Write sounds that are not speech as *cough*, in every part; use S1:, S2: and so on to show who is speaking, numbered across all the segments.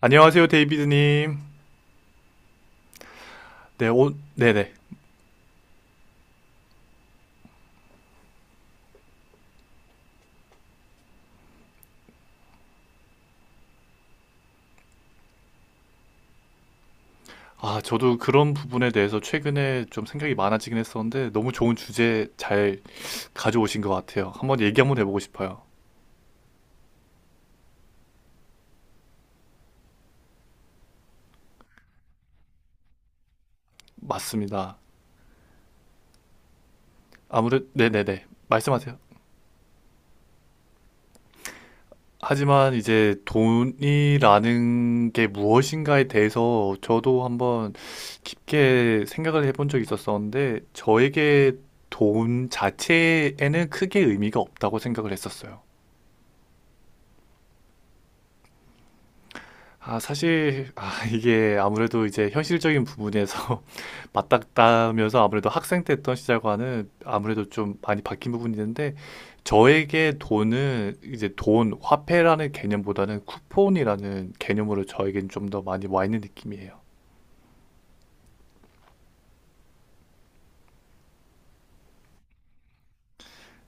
S1: 안녕하세요, 데이비드님. 네, 오, 네네. 아, 저도 그런 부분에 대해서 최근에 좀 생각이 많아지긴 했었는데, 너무 좋은 주제 잘 가져오신 것 같아요. 한번 얘기 한번 해보고 싶어요. 맞습니다. 아무래도, 네네네. 말씀하세요. 하지만 이제 돈이라는 게 무엇인가에 대해서 저도 한번 깊게 생각을 해본 적이 있었었는데, 저에게 돈 자체에는 크게 의미가 없다고 생각을 했었어요. 아, 사실, 아, 이게 아무래도 이제 현실적인 부분에서 *laughs* 맞닥다면서 아무래도 학생 때 했던 시절과는 아무래도 좀 많이 바뀐 부분이 있는데, 저에게 돈은 이제 돈, 화폐라는 개념보다는 쿠폰이라는 개념으로 저에겐 좀 더 많이 와 있는 느낌이에요.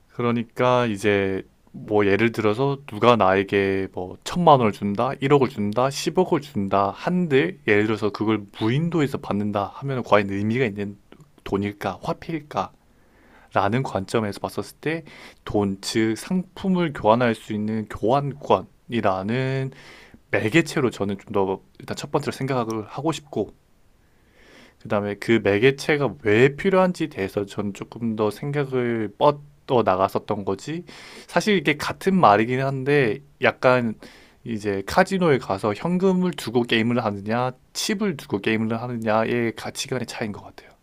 S1: 그러니까 이제 뭐 예를 들어서 누가 나에게 뭐 1,000만 원을 준다, 1억을 준다, 10억을 준다 한들 예를 들어서 그걸 무인도에서 받는다 하면 과연 의미가 있는 돈일까, 화폐일까? 라는 관점에서 봤었을 때 돈, 즉 상품을 교환할 수 있는 교환권이라는 매개체로 저는 좀 더 일단 첫 번째로 생각을 하고 싶고, 그다음에 그 매개체가 왜 필요한지에 대해서 저는 조금 더 생각을 뻗어 나갔었던 거지. 사실 이게 같은 말이긴 한데 약간 이제 카지노에 가서 현금을 두고 게임을 하느냐 칩을 두고 게임을 하느냐의 가치관의 차이인 것 같아요.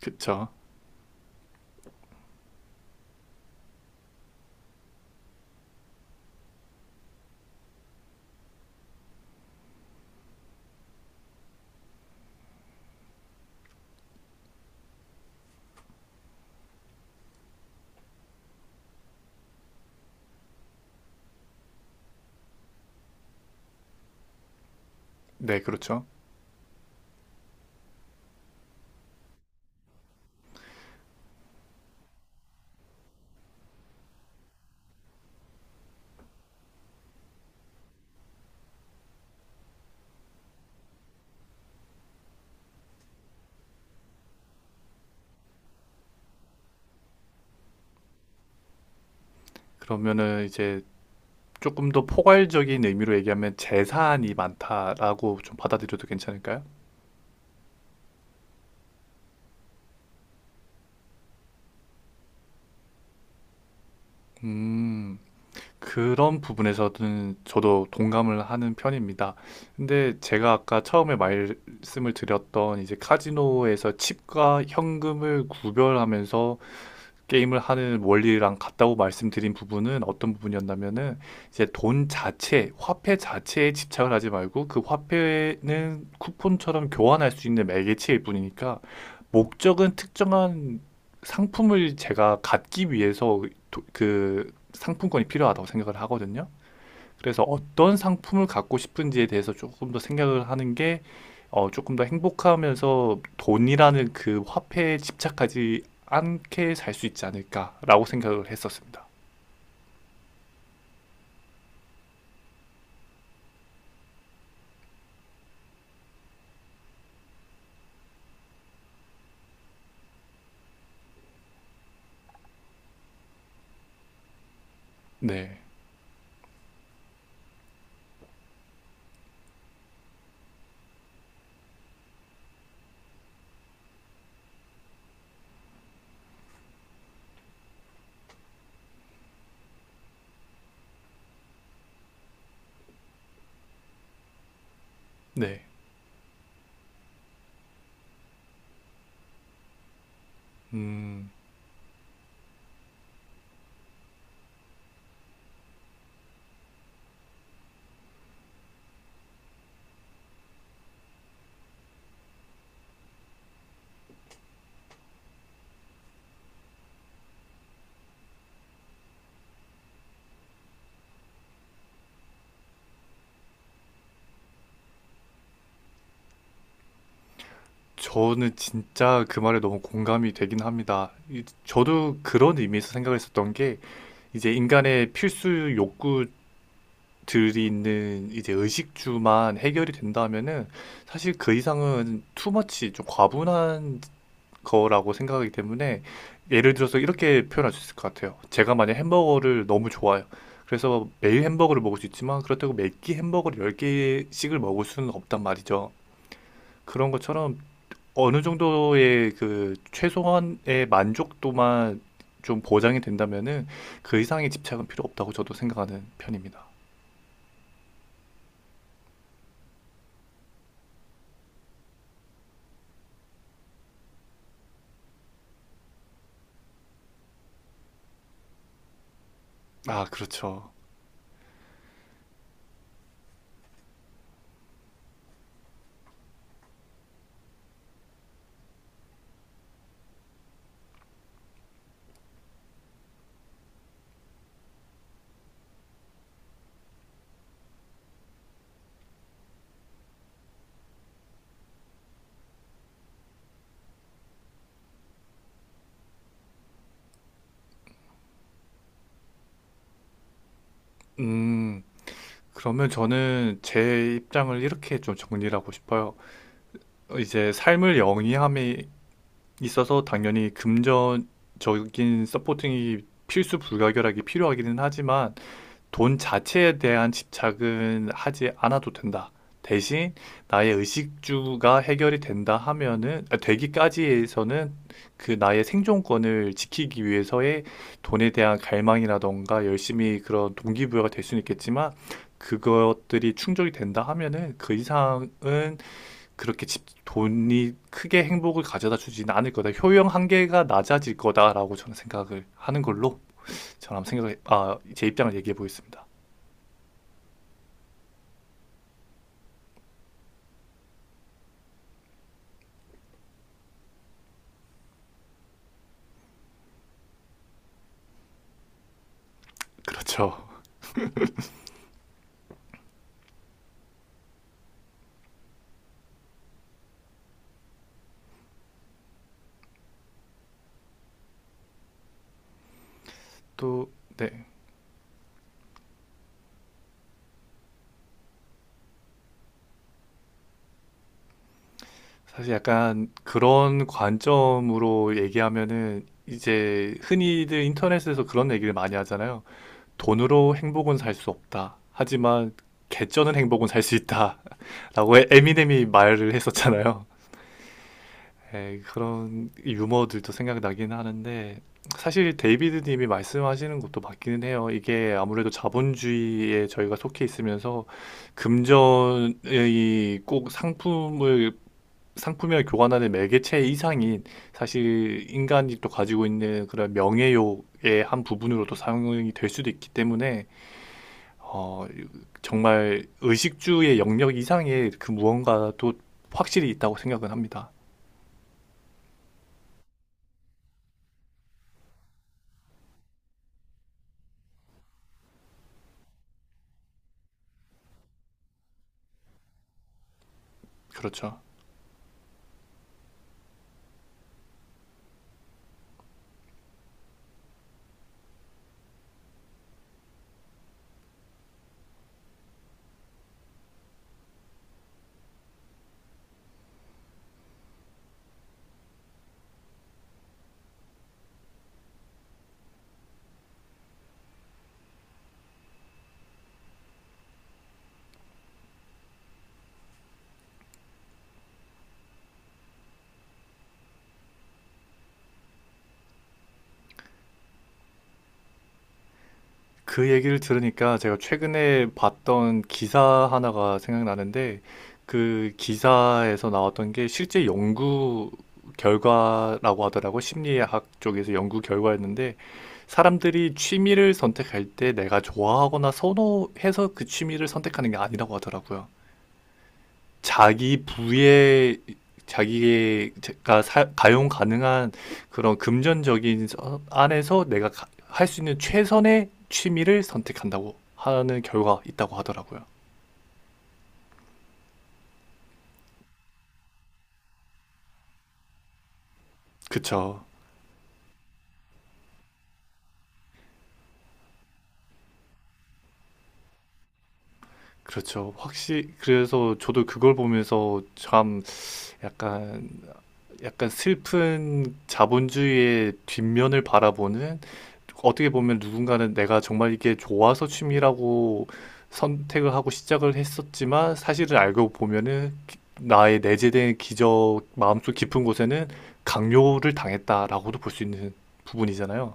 S1: 그쵸? 네, 그렇죠. 그러면은 이제 조금 더 포괄적인 의미로 얘기하면 재산이 많다라고 좀 받아들여도 괜찮을까요? 음, 그런 부분에서는 저도 동감을 하는 편입니다. 근데 제가 아까 처음에 말씀을 드렸던 이제 카지노에서 칩과 현금을 구별하면서 게임을 하는 원리랑 같다고 말씀드린 부분은 어떤 부분이었냐면은 이제 돈 자체, 화폐 자체에 집착을 하지 말고 그 화폐는 쿠폰처럼 교환할 수 있는 매개체일 뿐이니까 목적은 특정한 상품을 제가 갖기 위해서 그 상품권이 필요하다고 생각을 하거든요. 그래서 어떤 상품을 갖고 싶은지에 대해서 조금 더 생각을 하는 게 어, 조금 더 행복하면서 돈이라는 그 화폐에 집착하지 않게 살 수 있지 않을까라고 생각을 했었습니다. 네, 네. 음, 저는 진짜 그 말에 너무 공감이 되긴 합니다. 저도 그런 의미에서 생각을 했었던 게 이제 인간의 필수 욕구들이 있는 이제 의식주만 해결이 된다면은 사실 그 이상은 투머치, 좀 과분한 거라고 생각하기 때문에 예를 들어서 이렇게 표현할 수 있을 것 같아요. 제가 만약 햄버거를 너무 좋아해요. 그래서 매일 햄버거를 먹을 수 있지만 그렇다고 매끼 햄버거를 10개씩을 먹을 수는 없단 말이죠. 그런 것처럼 어느 정도의 그 최소한의 만족도만 좀 보장이 된다면은 그 이상의 집착은 필요 없다고 저도 생각하는 편입니다. 아, 그렇죠. 음, 그러면 저는 제 입장을 이렇게 좀 정리를 하고 싶어요. 이제 삶을 영위함이 있어서 당연히 금전적인 서포팅이 필수 불가결하게 필요하기는 하지만 돈 자체에 대한 집착은 하지 않아도 된다. 대신 나의 의식주가 해결이 된다 하면은 아, 되기까지에서는 그 나의 생존권을 지키기 위해서의 돈에 대한 갈망이라던가 열심히 그런 동기부여가 될 수는 있겠지만 그것들이 충족이 된다 하면은 그 이상은 그렇게 집, 돈이 크게 행복을 가져다 주진 않을 거다. 효용 한계가 낮아질 거다라고 저는 생각을 하는 걸로, 저는 한번 생각을, 아, 제 입장을 얘기해 보겠습니다. 그렇죠. 또 네. 사실 약간 그런 관점으로 얘기하면은 이제 흔히들 인터넷에서 그런 얘기를 많이 하잖아요. 돈으로 행복은 살 수 없다. 하지만 개쩌는 행복은 살 수 있다. *laughs* 라고 에미넴이 말을 했었잖아요. 그런 유머들도 생각나긴 하는데 사실 데이비드 님이 말씀하시는 것도 맞기는 해요. 이게 아무래도 자본주의에 저희가 속해 있으면서 금전의 꼭 상품을 상품이 교환하는 매개체 이상인, 사실 인간이 또 가지고 있는 그런 명예욕의 한 부분으로도 사용이 될 수도 있기 때문에 어, 정말 의식주의 영역 이상의 그 무언가도 확실히 있다고 생각은 합니다. 그렇죠. 그 얘기를 들으니까 제가 최근에 봤던 기사 하나가 생각나는데 그 기사에서 나왔던 게 실제 연구 결과라고 하더라고, 심리학 쪽에서 연구 결과였는데 사람들이 취미를 선택할 때 내가 좋아하거나 선호해서 그 취미를 선택하는 게 아니라고 하더라고요. 자기 부에, 자기가 가용 가능한 그런 금전적인 안에서 내가 할 수 있는 최선의 취미를 선택한다고 하는 결과가 있다고 하더라고요. 그쵸. 그렇죠. 확실히, 그래서 저도 그걸 보면서 참 약간 약간 슬픈 자본주의의 뒷면을 바라보는, 어떻게 보면 누군가는 내가 정말 이게 좋아서 취미라고 선택을 하고 시작을 했었지만 사실을 알고 보면은 나의 내재된 기저 마음속 깊은 곳에는 강요를 당했다라고도 볼 수 있는 부분이잖아요.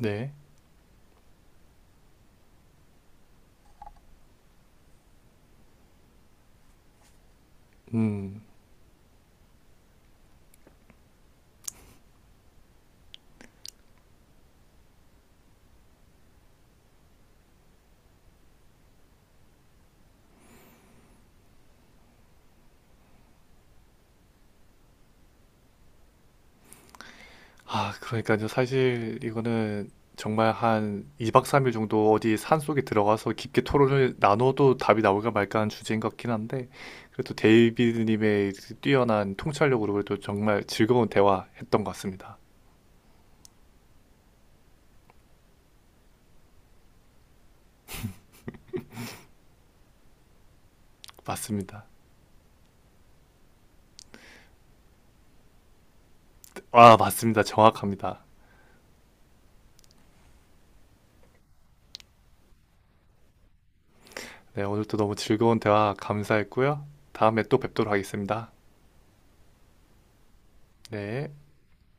S1: 네. 음. 아, 그러니까요. 사실 이거는 정말 한 2박 3일 정도 어디 산속에 들어가서 깊게 토론을 나눠도 답이 나올까 말까 한 주제인 것 같긴 한데, 그래도 데이비드님의 뛰어난 통찰력으로 그래도 정말 즐거운 대화했던 것 같습니다. 맞습니다. 아, 맞습니다. 정확합니다. 네, 오늘도 너무 즐거운 대화 감사했고요. 다음에 또 뵙도록 하겠습니다. 네.